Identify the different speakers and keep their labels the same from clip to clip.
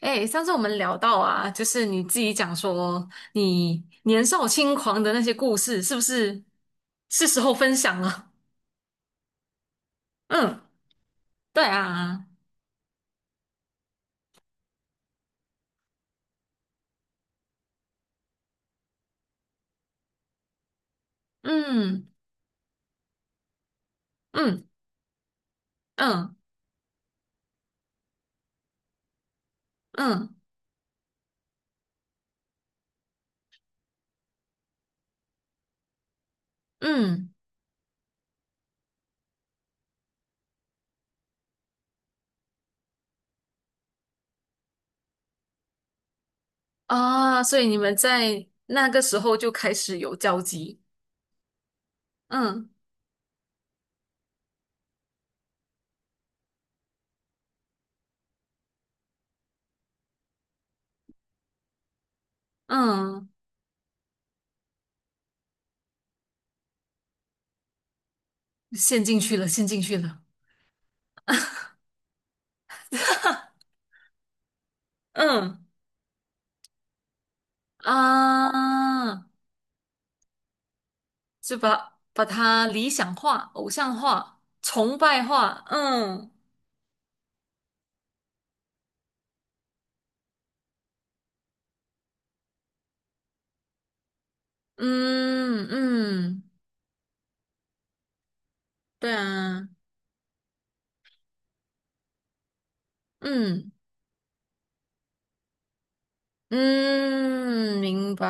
Speaker 1: 哎，上次我们聊到啊，就是你自己讲说你年少轻狂的那些故事，是不是是时候分享了？嗯，对啊，嗯嗯嗯嗯嗯啊，所以你们在那个时候就开始有交集，嗯嗯，陷进去了，陷进去了，嗯啊，就把它理想化、偶像化、崇拜化，嗯。嗯嗯，对啊，嗯嗯，明白，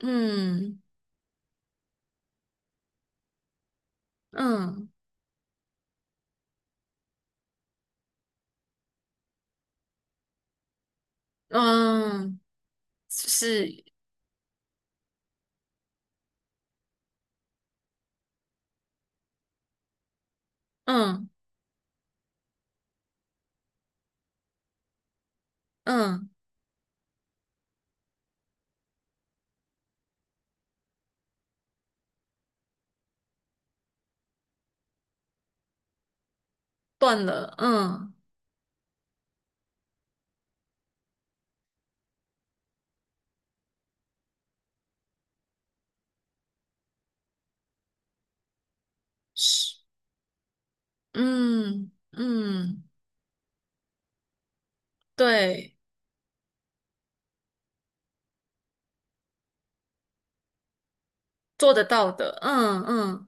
Speaker 1: 嗯嗯嗯，是，嗯嗯，断了，嗯是，嗯嗯，对，做得到的，嗯嗯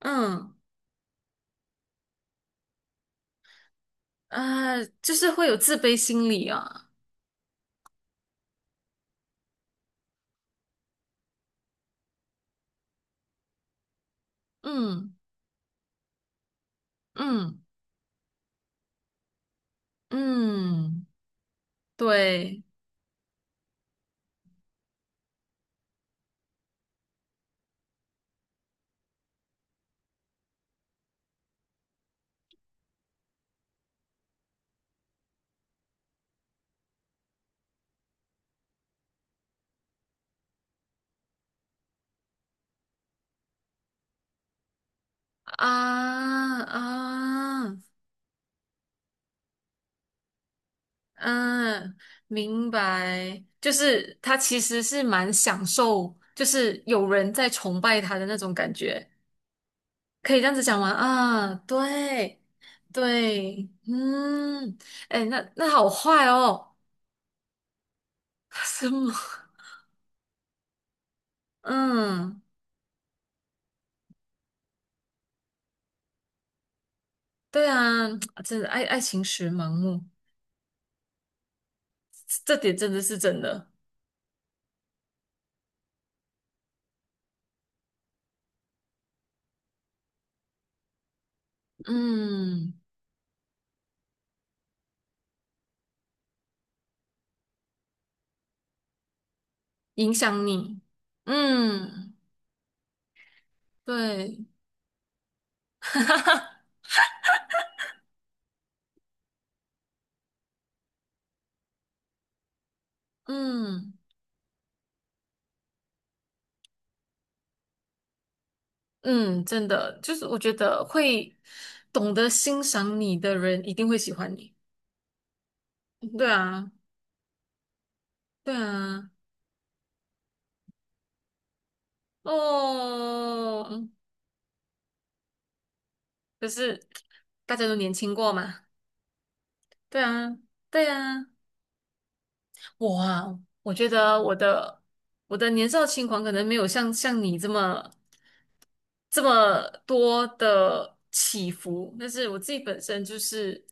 Speaker 1: 嗯，啊，就是会有自卑心理啊，嗯嗯嗯，对啊啊。嗯，明白，就是他其实是蛮享受，就是有人在崇拜他的那种感觉，可以这样子讲吗？啊，对，对，嗯，哎，那好坏哦，什么？嗯，对啊，真的爱情时盲目，这点真的是真的，嗯，影响你，嗯，对，嗯。嗯，真的，就是我觉得会懂得欣赏你的人一定会喜欢你。对啊，对啊，哦，可是大家都年轻过嘛。对啊，对啊，我啊，我觉得我的年少轻狂可能没有像你这么多的起伏，但是我自己本身就是。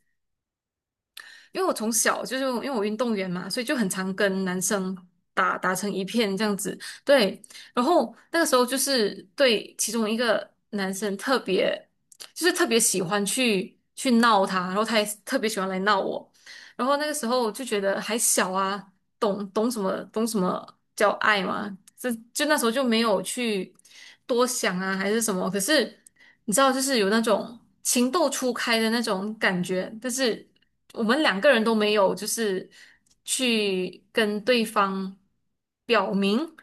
Speaker 1: 因为我从小就是因为我运动员嘛，所以就很常跟男生打成一片这样子。对，然后那个时候就是对其中一个男生特别，就是特别喜欢去闹他，然后他也特别喜欢来闹我。然后那个时候就觉得还小啊，懂什么叫爱嘛，这就那时候就没有去多想啊，还是什么。可是你知道，就是有那种情窦初开的那种感觉，但是我们两个人都没有，就是去跟对方表明，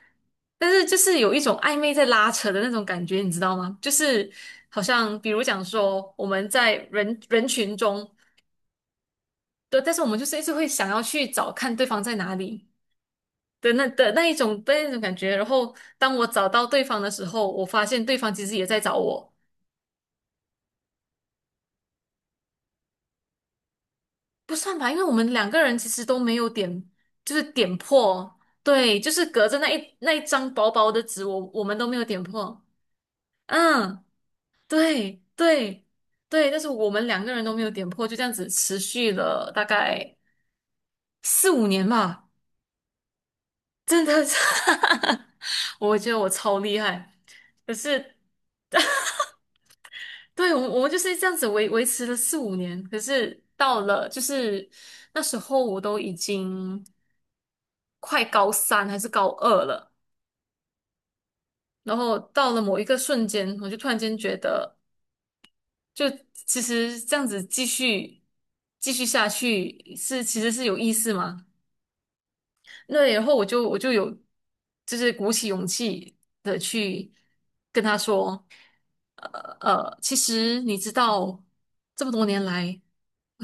Speaker 1: 但是就是有一种暧昧在拉扯的那种感觉，你知道吗？就是好像比如讲说我们在人群中，对，但是我们就是一直会想要去找看对方在哪里。对，那一种的那种感觉。然后当我找到对方的时候，我发现对方其实也在找我，不算吧，因为我们两个人其实都没有点，就是点破，对，就是隔着那一张薄薄的纸，我们都没有点破。嗯，对对对，但是我们两个人都没有点破，就这样子持续了大概四五年吧，真的是，我觉得我超厉害，可是。对，我们就是这样子维持了四五年，可是到了就是那时候我都已经快高三还是高二了，然后到了某一个瞬间，我就突然间觉得，就其实这样子继续下去是其实是有意思吗？对，然后我就有就是鼓起勇气的去跟他说，呃其实你知道这么多年来，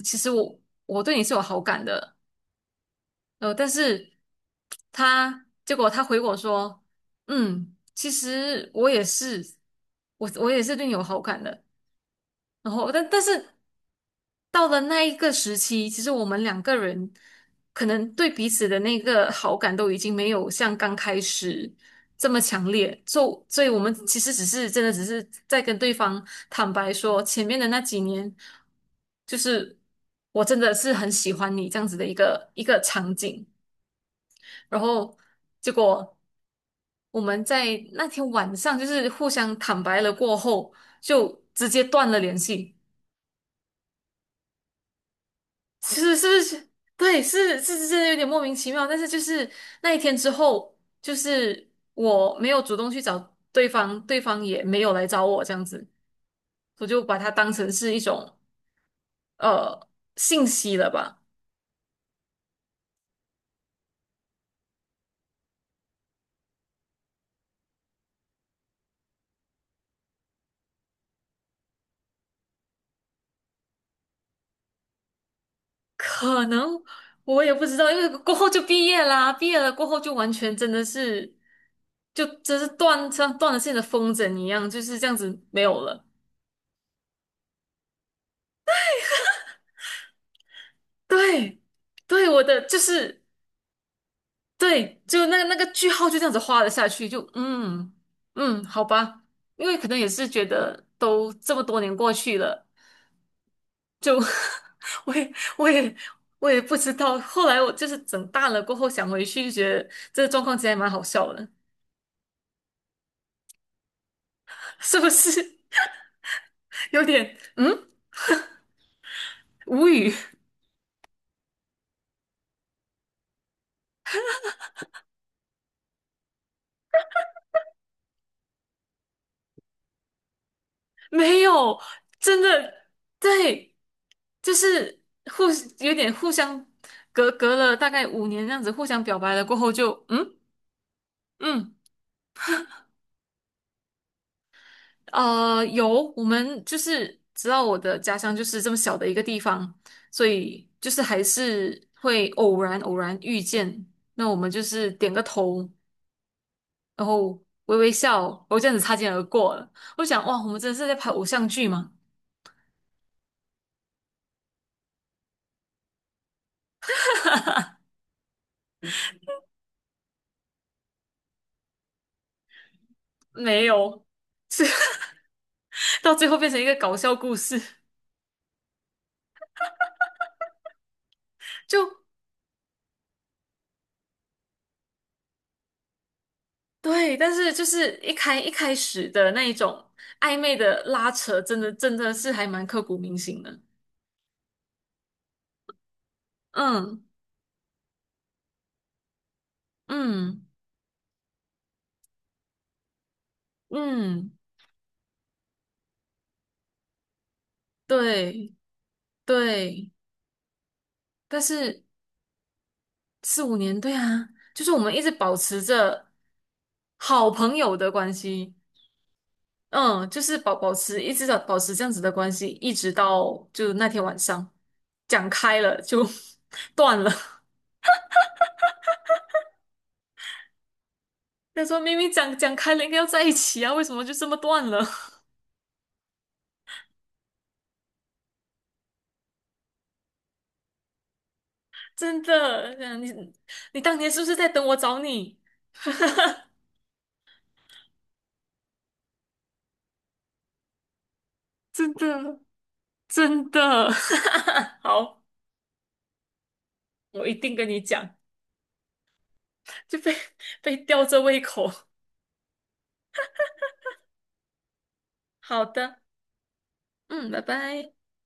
Speaker 1: 其实我对你是有好感的，但是他结果他回我说，嗯，其实我也是，我也是对你有好感的，然后但是到了那一个时期，其实我们两个人可能对彼此的那个好感都已经没有像刚开始这么强烈，就所以我们其实只是真的只是在跟对方坦白说，前面的那几年就是我真的是很喜欢你这样子的一个场景，然后结果。我们在那天晚上就是互相坦白了过后，就直接断了联系。是是是，对，是是是，真的有点莫名其妙。但是就是那一天之后，就是我没有主动去找对方，对方也没有来找我，这样子，我就把它当成是一种呃信息了吧。可能我也不知道，因为过后就毕业啦，毕业了过后就完全真的是，就真是像断了线的风筝一样，就是这样子没有了。对，对，我的就是。对，就那个句号就这样子画了下去，就嗯嗯，好吧，因为可能也是觉得都这么多年过去了，就 我也我也我也不知道。后来我就是整大了过后想回去，就觉得这个状况其实还蛮好笑的，是不是有点无语？没有，真的对，就是互有点互相隔了大概五年这样子互相表白了过后就嗯嗯。有，我们就是知道我的家乡就是这么小的一个地方，所以就是还是会偶然遇见，那我们就是点个头，然后微微笑，然后这样子擦肩而过了。我想，哇，我们真的是在拍偶像剧吗？没有，是 到最后变成一个搞笑故事，就对，但是就是一开始的那一种暧昧的拉扯，真的真的是还蛮刻骨铭心的。嗯嗯。嗯，对对，但是四五年，对啊，就是我们一直保持着好朋友的关系，嗯，就是保持一直的保持这样子的关系，一直到就那天晚上讲开了就 断了。他说明明讲开了应该要在一起啊，为什么就这么断了？真的，这样你当年是不是在等我找你？真的真的，好，我一定跟你讲。就被 被吊着胃口。好的，嗯，拜拜。